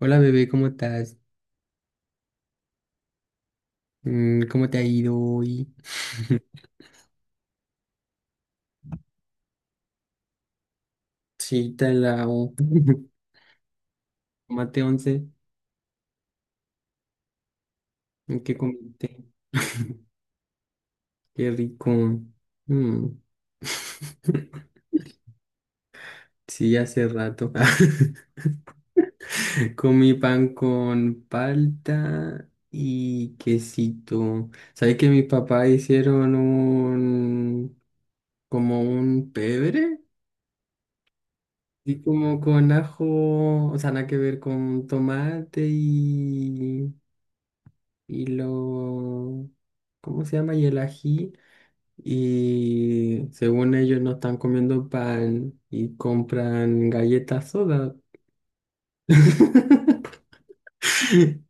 Hola bebé, ¿cómo estás? ¿Cómo te ha ido hoy? Sí, está en la U. Tomate once. ¿Qué comiste? Qué rico. Mm. Sí, hace rato. Comí pan con palta y quesito. ¿Sabes que mis papás hicieron un como un pebre? Y como con ajo, o sea, nada que ver con tomate y lo... ¿Cómo se llama? Y el ají. Y según ellos no están comiendo pan y compran galletas soda.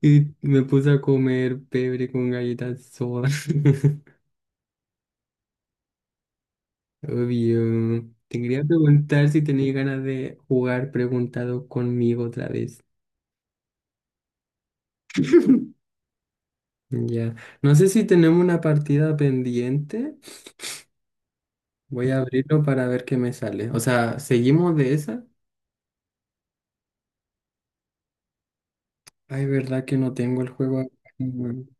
Y me puse a comer pebre con galletas soda. Obvio. Te quería preguntar si tenías ganas de jugar preguntado conmigo otra vez. Ya. No sé si tenemos una partida pendiente. Voy a abrirlo para ver qué me sale. O sea, ¿seguimos de esa? Ay, verdad que no tengo el juego acá, weón.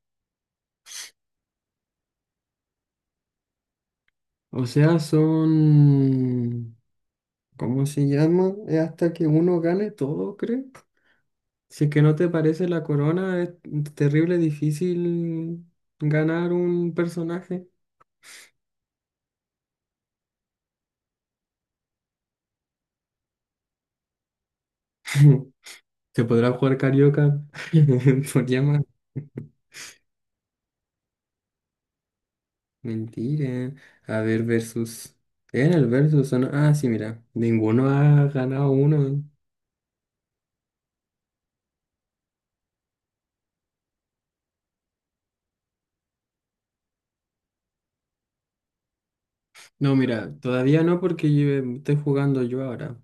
O sea, son... ¿Cómo se llama? Es hasta que uno gane todo, creo. Si es que no te parece la corona, es terrible difícil ganar un personaje. Se podrá jugar carioca por llamar. Mentira. A ver, versus. En el versus, ¿o no? Ah, sí, mira. Ninguno ha ganado uno. No, mira, todavía no porque yo estoy jugando yo ahora.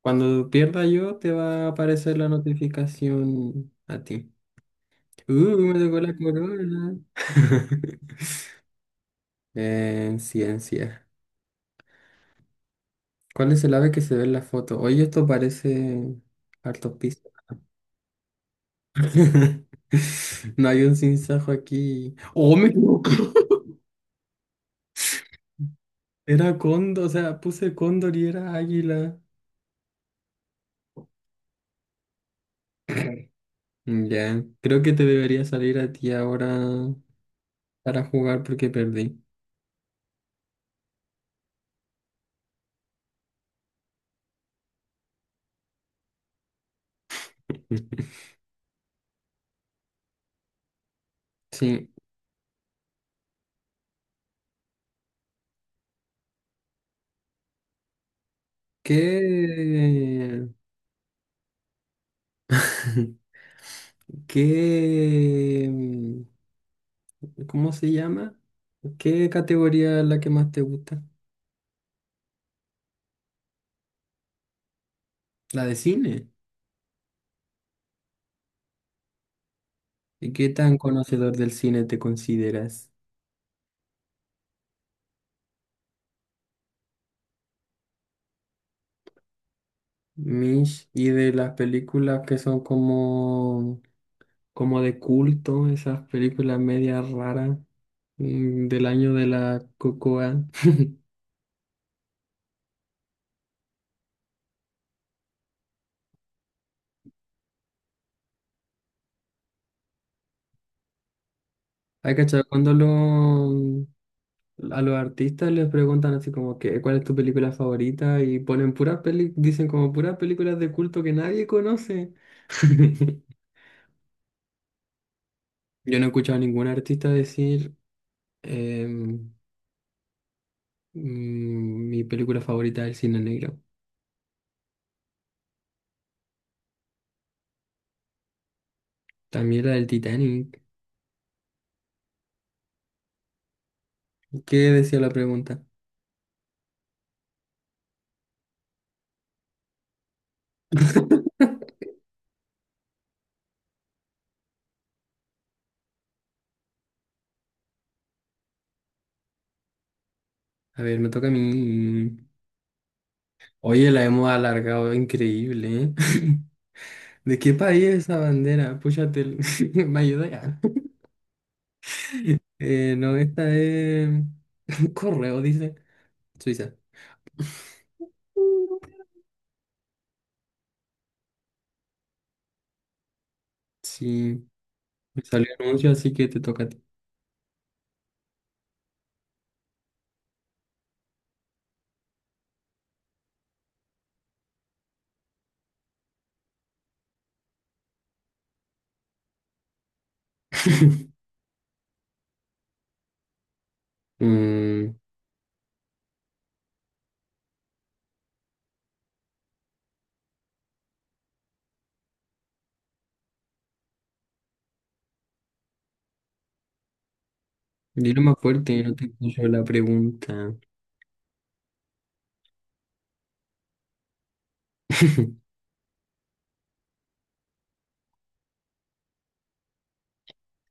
Cuando pierda yo, te va a aparecer la notificación a ti. Uh, me tocó la corona. En ciencia. ¿Cuál es el ave que se ve en la foto? Oye, esto parece hartos pisos. No hay un sinsajo aquí. ¡Oh, me equivoqué! Era cóndor, o sea, puse cóndor y era águila. Ya, creo que te debería salir a ti ahora para jugar porque perdí. Sí. ¿Qué? ¿Qué, cómo se llama? ¿Qué categoría es la que más te gusta? La de cine. ¿Y qué tan conocedor del cine te consideras? Mish, y de las películas que son como, como de culto, esas películas medias raras del año de la Cocoa. ¿Hay cachado cuando los a los artistas les preguntan así como que cuál es tu película favorita? Y ponen dicen como puras películas de culto que nadie conoce. Yo no he escuchado a ningún artista decir em, mi película favorita del cine negro. También la del Titanic. ¿Qué decía la pregunta? A ver, me toca a mí. Oye, la hemos alargado, increíble, ¿eh? ¿De qué país es esa bandera? Púchate, ¿me ayuda ya? No, esta es... Correo, dice. Suiza. Sí, me salió anuncio, así que te toca a ti. Mm, Dilo más fuerte, no te escucho la pregunta.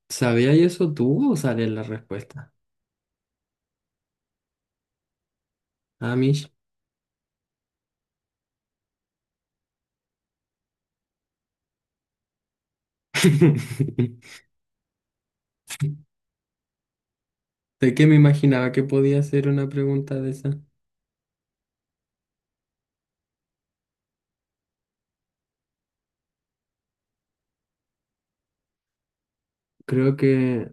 ¿Sabías eso tú o sale la respuesta? Amish. ¿De qué me imaginaba que podía ser una pregunta de esa? Creo que...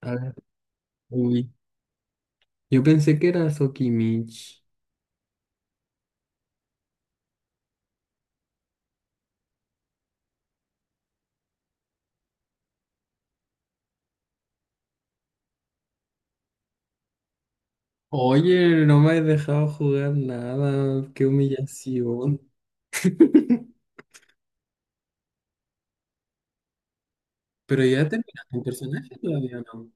A ver, uy. Yo pensé que era Sokimich. Oye, no me has dejado jugar nada. Qué humillación. Pero ya terminaste el personaje todavía, ¿no?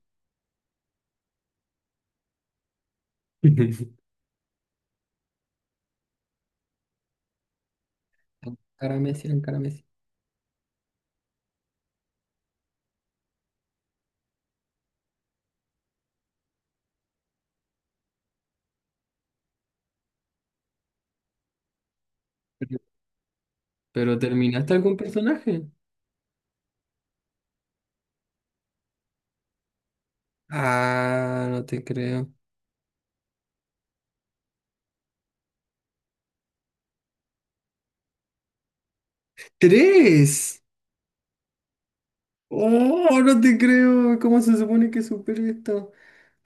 Cara a Messi, cara Messi. Pero pero terminaste algún personaje. Ah, no te creo. ¡Tres! ¡Oh, no te creo! ¿Cómo se supone que supere esto?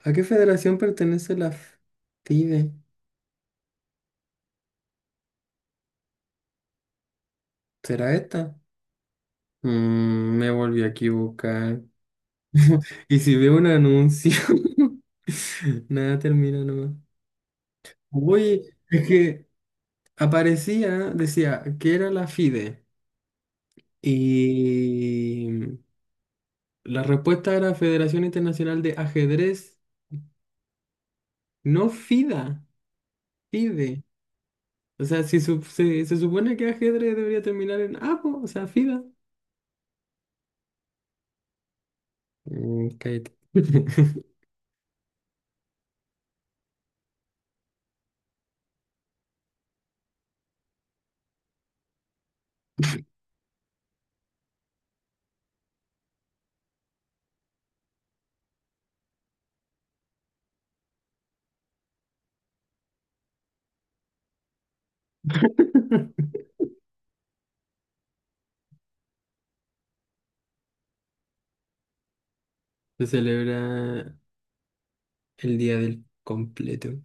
¿A qué federación pertenece la FIDE? ¿Será esta? Mm, me volví a equivocar. ¿Y si veo un anuncio? Nada, termina nomás. Oye, es que aparecía, decía que era la FIDE. Y la respuesta era Federación Internacional de Ajedrez, no FIDA, FIDE. O sea, si se supone que ajedrez debería terminar en A, po, o sea, FIDA. Cállate. Se celebra el día del completo.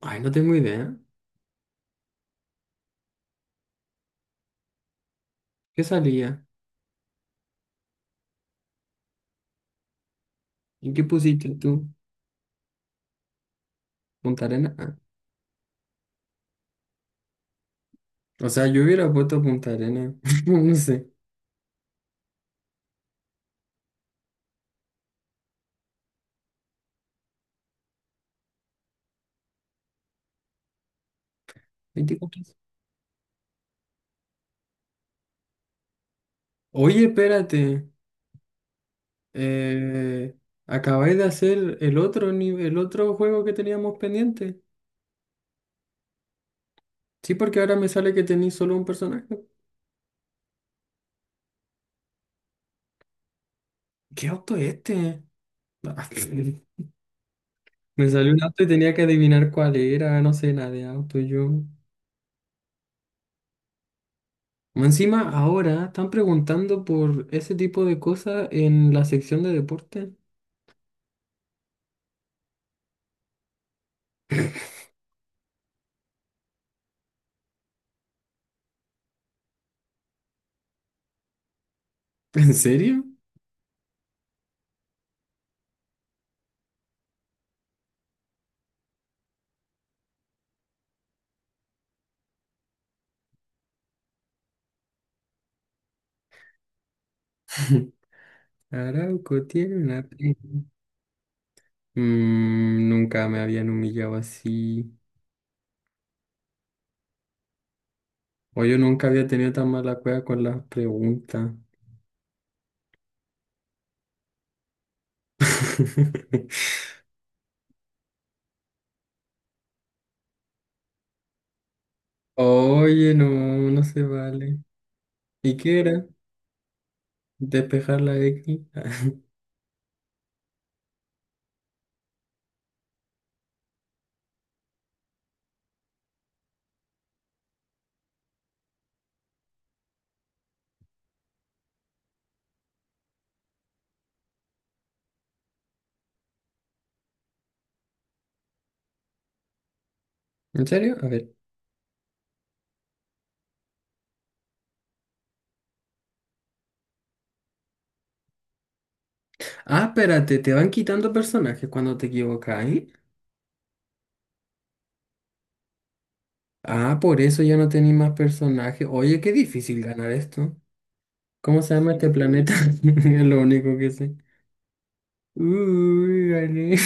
Ay, no tengo idea. ¿Qué salía? ¿Y qué pusiste tú? ¿Punta Arena? Ah. O sea, yo hubiera puesto Punta Arena. No sé. 24. Oye, espérate. Eh, Acabáis de hacer el otro nivel, el otro juego que teníamos pendiente. Sí, porque ahora me sale que tenéis solo un personaje. ¿Qué auto es este? Ah, me salió un auto y tenía que adivinar cuál era, no sé nada de auto yo. Encima, ahora están preguntando por ese tipo de cosas en la sección de deporte. ¿En serio? Arauco tiene una... tribu. Mm, nunca me habían humillado así. Oye, yo nunca había tenido tan mala cueva con las preguntas. Oye, no, no se vale. ¿Y qué era? ¿Despejar la X? ¿En serio? A ver. Ah, espérate, te van quitando personajes cuando te equivocas, ¿eh? Ah, por eso ya no tenéis más personajes. Oye, qué difícil ganar esto. ¿Cómo se llama este planeta? Es lo único que sé. Uy, gané.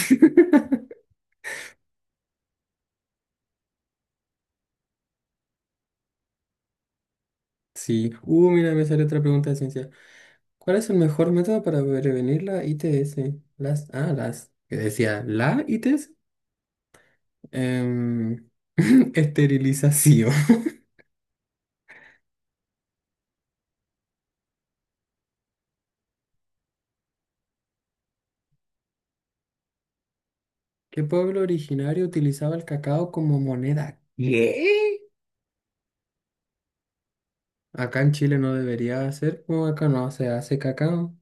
Sí. Mira, me sale otra pregunta de ciencia. ¿Cuál es el mejor método para prevenir la ITS? Las que decía, la ITS. Em, Esterilización. ¿Qué pueblo originario utilizaba el cacao como moneda? ¿Qué? Acá en Chile no debería hacer, o acá no se hace cacao.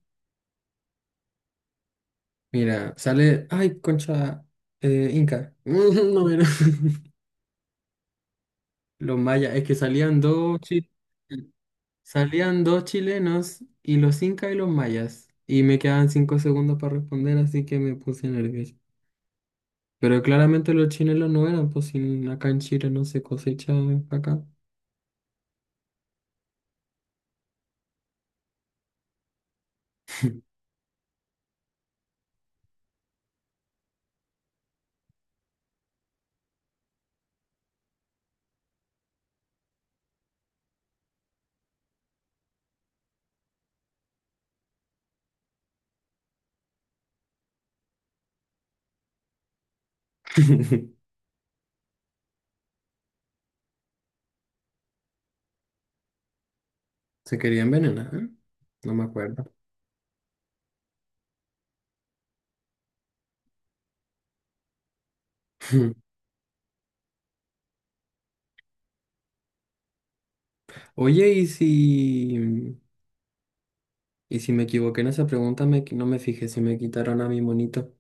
Mira, sale, ay, concha, Inca. No, mira. Los mayas, es que salían dos, sí. Salían dos chilenos y los incas y los mayas. Y me quedaban 5 segundos para responder, así que me puse nervioso. Pero claramente los chilenos no eran, pues sin acá en Chile no se cosecha acá. Se querían envenenar, ¿eh? No me acuerdo. Oye, ¿y si me equivoqué en esa pregunta? No me fijé si me quitaron a mi monito.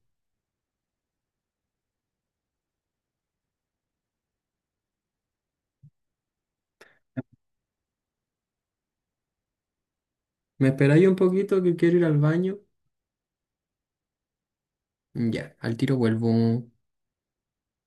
¿Me esperáis un poquito que quiero ir al baño? Ya, al tiro vuelvo.